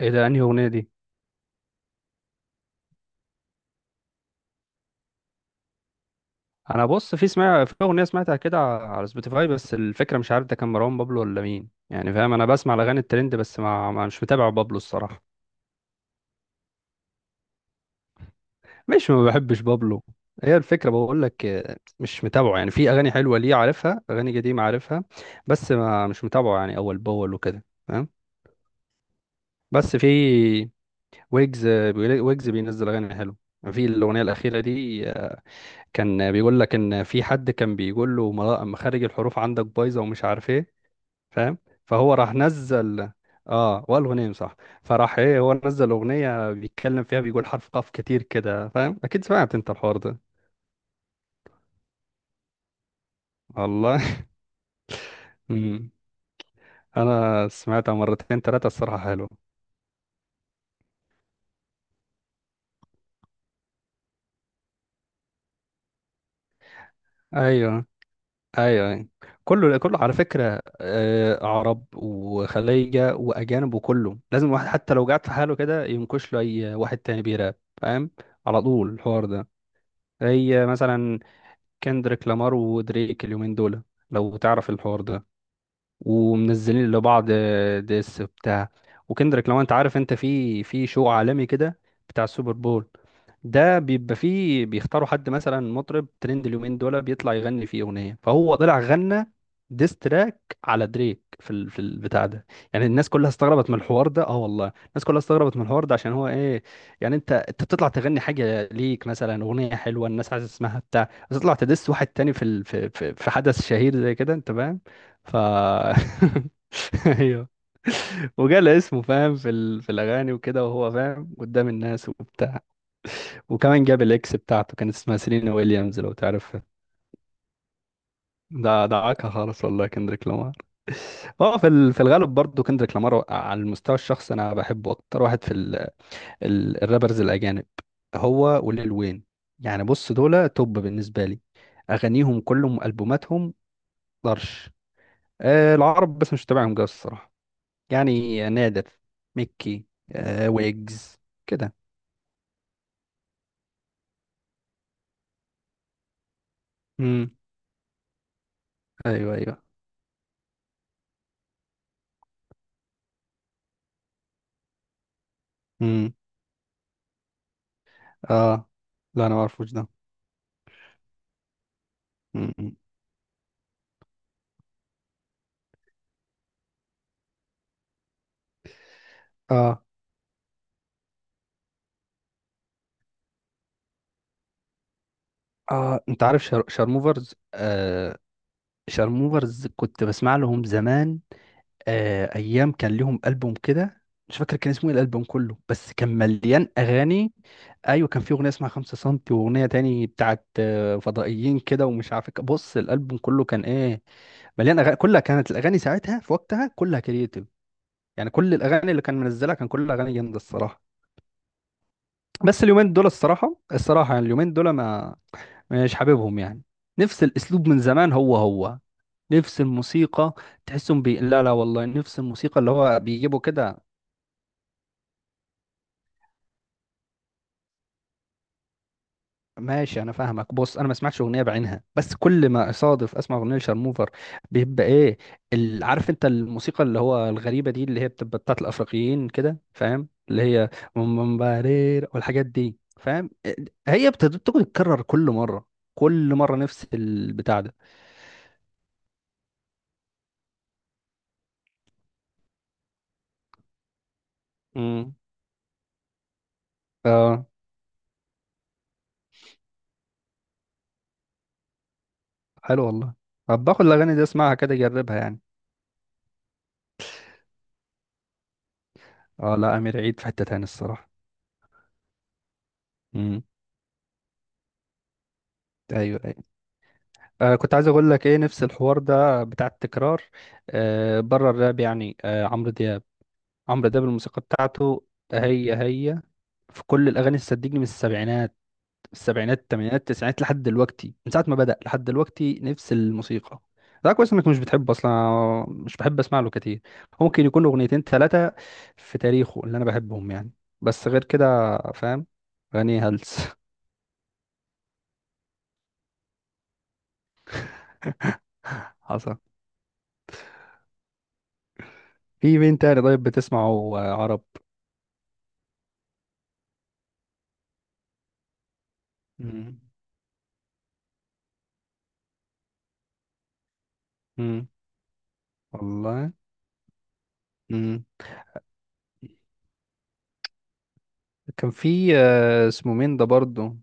ايه ده؟ انهي اغنيه دي؟ انا بص، في سمع في اغنيه سمعتها كده على سبوتيفاي، بس الفكره مش عارف ده كان مروان بابلو ولا مين، يعني فاهم. انا بسمع الاغاني الترند بس ما... ما مش متابع بابلو الصراحه. مش ما بحبش بابلو. هي الفكره بقول لك مش متابعه، يعني في اغاني حلوه ليه عارفها، اغاني قديمه عارفها، بس ما مش متابعه يعني اول باول وكده، فاهم. بس في ويجز، ويجز بينزل اغاني حلوه. في الاغنيه الاخيره دي، كان بيقول لك ان في حد كان بيقول له مخارج الحروف عندك بايظه ومش عارف ايه، فاهم. فهو راح نزل، اه، والغنيم، صح. فراح ايه، هو نزل اغنيه بيتكلم فيها، بيقول حرف قاف كتير كده، فاهم، اكيد سمعت انت الحوار ده. والله. امم انا سمعتها مرتين ثلاثه الصراحه، حلو. ايوه ايوه أيوة. كله كله على فكره، عرب وخليجه واجانب، وكله لازم واحد حتى لو قعد في حاله كده ينكش له اي واحد تاني بيراب، فاهم. على طول الحوار ده. هي مثلا كندريك لامار ودريك اليومين دول، لو تعرف الحوار ده، ومنزلين لبعض ديس بتاع. وكندريك، لو انت عارف، انت في شو عالمي كده، بتاع السوبر بول ده، بيبقى فيه بيختاروا حد مثلا مطرب ترند اليومين دول بيطلع يغني فيه اغنيه، فهو طلع غنى ديس تراك على دريك في في البتاع ده. يعني الناس كلها استغربت من الحوار ده، اه والله الناس كلها استغربت من الحوار ده، عشان هو ايه، يعني انت بتطلع تغني حاجه ليك مثلا اغنيه حلوه الناس عايزه تسمعها بتاع، بس تطلع تدس واحد تاني في ال... في في في حدث شهير زي كده، انت فاهم. ف ايوه. وجال اسمه فاهم في في الاغاني وكده، وهو فاهم قدام الناس وبتاع. وكمان جاب الاكس بتاعته كانت اسمها سيلينا ويليامز، لو تعرفها. ده دعاكها خالص والله، كندريك لامار. هو في في الغالب برضه، كندريك لامار على المستوى الشخصي انا بحبه اكتر واحد في الرابرز الاجانب، هو وليل وين. يعني بص، دول توب بالنسبه لي، اغانيهم كلهم البوماتهم طرش. العرب بس مش تابعهم جوي الصراحه، يعني نادر، ميكي. ويجز. كده. امم ايوه ايوه. امم اه، لا انا ما اعرفوش ده. امم. اه اه، انت عارف شارموفرز، آه. شارموفرز كنت بسمع لهم زمان، آه، ايام كان لهم البوم كده، مش فاكر كان اسمه ايه الالبوم كله، بس كان مليان اغاني. ايوه، كان في اغنيه اسمها خمسة سنتي، واغنيه تاني بتاعت فضائيين كده ومش عارف إيه. بص، الالبوم كله كان ايه مليان اغاني، كلها كانت الاغاني ساعتها في وقتها كلها كرييتيف، يعني كل الاغاني اللي كان منزلها كان كل اغاني جامده الصراحه. بس اليومين دول الصراحه الصراحه، يعني اليومين دول ما مش حاببهم يعني، نفس الاسلوب من زمان هو هو، نفس الموسيقى. لا لا والله، نفس الموسيقى اللي هو بيجيبوا كده. ماشي، انا فاهمك. بص، انا ما سمعتش اغنيه بعينها بس كل ما اصادف اسمع اغنيه لشارموفر بيبقى ايه عارف انت الموسيقى اللي هو الغريبه دي اللي هي بتبقى بتاعت الافريقيين كده، فاهم، اللي هي ممبارير والحاجات دي، فاهم، هي بتقعد تتكرر كل مره، كل مره نفس البتاع ده. امم. اه، حلو والله. طب باخد الاغاني دي اسمعها كده اجربها يعني. اه، لا، امير عيد في حته تاني الصراحه. امم. ايوه أيوة. كنت عايز اقول لك ايه، نفس الحوار ده بتاع التكرار، بره الراب يعني، عمرو دياب. عمرو دياب الموسيقى بتاعته هي هي في كل الاغاني، صدقني، من السبعينات، السبعينات الثمانينات التسعينات لحد دلوقتي، من ساعه ما بدأ لحد دلوقتي نفس الموسيقى. ده كويس انك مش بتحبه اصلا، أنا مش بحب اسمع له كتير، ممكن يكون اغنيتين ثلاثه في تاريخه اللي انا بحبهم يعني، بس غير كده فاهم، اغاني هلس. حصل. في مين تاني طيب بتسمعه، عرب؟ مم. والله. امم كان في اسمه مين ده برضه،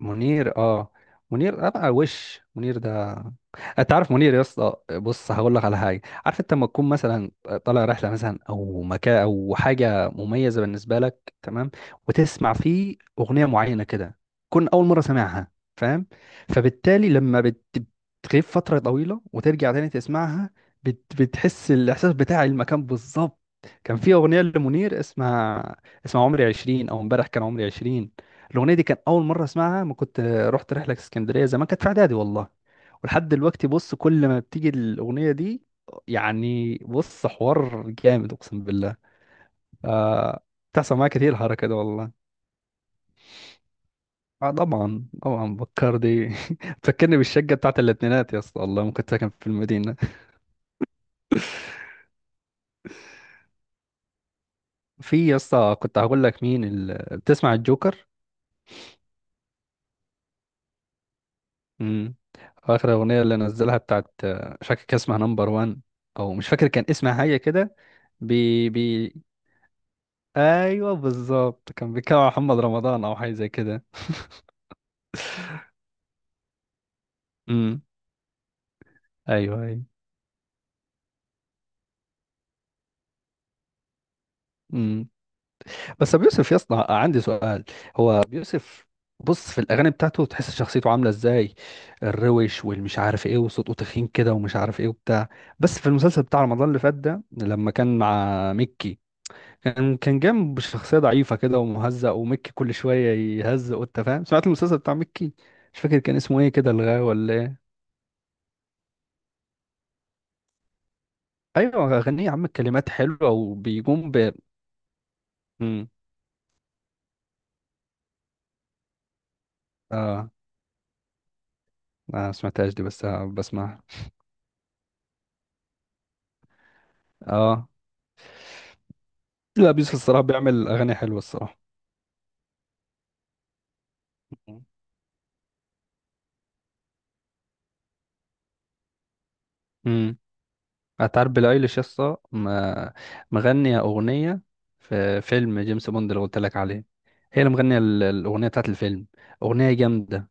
منير، اه، منير ابقى وش. منير ده، انت عارف منير يا اسطى؟ بص هقول لك على حاجه، عارف انت لما تكون مثلا طالع رحله مثلا او مكان او حاجه مميزه بالنسبه لك، تمام، وتسمع فيه اغنيه معينه كده، تكون اول مره سامعها، فاهم، فبالتالي لما بتغيب فتره طويله وترجع تاني تسمعها بتحس الاحساس بتاع المكان بالظبط. كان في اغنيه لمنير اسمها، عمري 20، او امبارح كان عمري 20، الاغنيه دي كان اول مره اسمعها ما كنت رحت رحله اسكندريه زمان، كانت في اعدادي والله، ولحد دلوقتي بص كل ما بتيجي الاغنيه دي، يعني بص، حوار جامد اقسم بالله. آه بتحصل معايا كتير الحركه دي والله. اه طبعا طبعا، بكار دي تفكرني بالشقه بتاعت الاتنينات يا اسطى، والله ما كنت ساكن في المدينه. في يا اسطى كنت هقول لك مين بتسمع الجوكر؟ امم. اخر اغنيه اللي نزلها بتاعت، مش فاكر كان اسمها نمبر 1، او مش فاكر كان اسمها حاجه كده، بي بي. ايوه بالظبط، كان بيتكلم عن محمد رمضان او حاجه زي كده. امم ايوه ايوه. امم. بس ابو يوسف يا اسطى، عندي سؤال، هو ابو يوسف، بص، في الاغاني بتاعته تحس شخصيته عامله ازاي، الروش والمش عارف ايه وصوته تخين كده ومش عارف ايه وبتاع، بس في المسلسل بتاع رمضان اللي فات ده لما كان مع ميكي، كان جنب بشخصيه ضعيفه كده ومهزأ، وميكي كل شويه يهزق، وانت فاهم، سمعت المسلسل بتاع ميكي؟ مش فاكر كان اسمه ايه كده، الغاوي ولا ايه. ايوه، اغانيه يا عم الكلمات حلوه وبيقوم. امم اه، ما سمعتهاش دي بس بسمعها. اه، لا، بيوسف الصراحه بيعمل اغاني حلوه الصراحه. امم. هتعرف بيلي ايليش يا اسطى، مغنيه اغنيه في فيلم جيمس بوند اللي قلت لك عليه، هي اللي مغنيه الاغنيه بتاعت الفيلم، اغنيه جامده،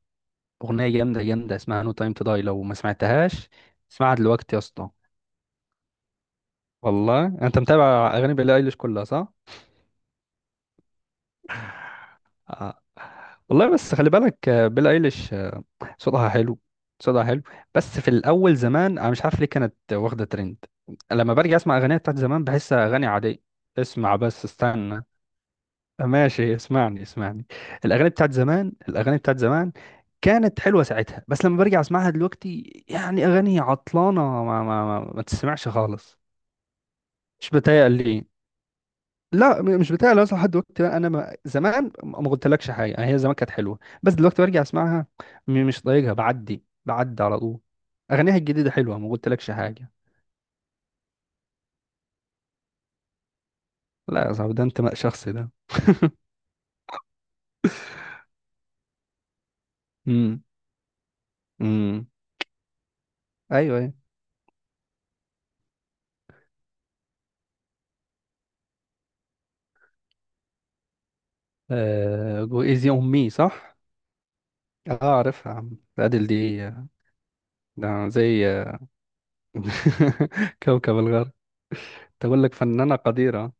اغنيه جامده جامده اسمها نو تايم تو داي، لو ما سمعتهاش اسمعها دلوقتي يا اسطى. والله انت متابع اغاني بيلي ايليش كلها صح؟ آه. والله، بس خلي بالك، بيلي ايليش، صوتها حلو، صوتها حلو، بس في الاول زمان انا مش عارف ليه كانت واخده ترند، لما برجع اسمع اغانيها بتاعت زمان بحسها اغاني عاديه. اسمع بس استنى، ماشي، اسمعني اسمعني، الاغاني بتاعت زمان، الاغاني بتاعت زمان كانت حلوه ساعتها، بس لما برجع اسمعها دلوقتي، يعني اغاني عطلانه ما تسمعش خالص. مش بتهيأ لي، لا، مش بتاع، لو اصلا لحد دلوقتي بقى انا ما زمان ما قلتلكش حاجه، يعني هي زمان كانت حلوه بس دلوقتي برجع اسمعها مش طايقها، بعدي بعدي على طول، اغانيها الجديده حلوه ما قلتلكش حاجه. لا يا صاحبي، ده انتماء شخصي ده. امم امم. ايوه ايوه. جو ايزي اون مي، صح. اه عارفها يا عم، ادل دي، ده زي، كوكب الغرب، تقول لك فنانه قديره.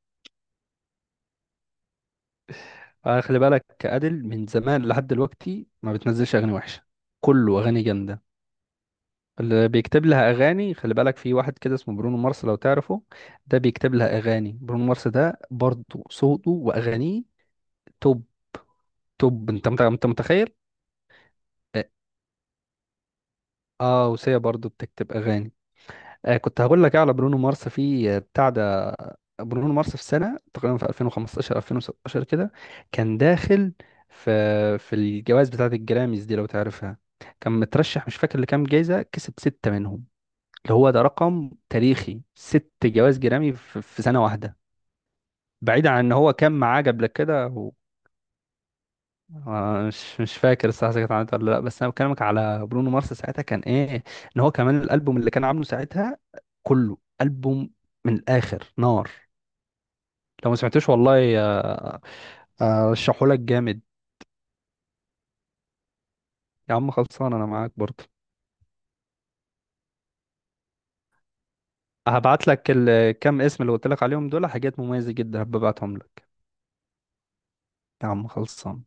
خلي بالك ادل من زمان لحد دلوقتي ما بتنزلش اغاني وحشه، كله اغاني جامده. اللي بيكتب لها اغاني، خلي بالك، في واحد كده اسمه برونو مارس، لو تعرفه، ده بيكتب لها اغاني، برونو مارس ده برضه صوته واغانيه توب، توب، انت متخيل. اه. وسيا برضه بتكتب اغاني. كنت هقول لك إيه على برونو مارس في بتاع ده، برونو مارس في سنه تقريبا، في 2015 2016 كده، كان داخل في الجوائز بتاعه الجراميز دي، لو تعرفها، كان مترشح مش فاكر لكام جايزه، كسب سته منهم، اللي هو ده رقم تاريخي، ست جوائز جرامي في سنة واحدة، بعيدا عن ان هو كان معاه قبل كده مش فاكر الصراحة إذا كانت عملت ولا لا، بس انا بكلمك على برونو مارس ساعتها، كان ايه ان هو كمان الالبوم اللي كان عامله ساعتها كله البوم، من الاخر نار، لو ما سمعتوش والله، رشحه لك جامد. يا عم خلصان، انا معاك برضه، هبعت لك الكام اسم اللي قلت لك عليهم دول، حاجات مميزة جدا، هبعتهم لك. يا عم خلصان.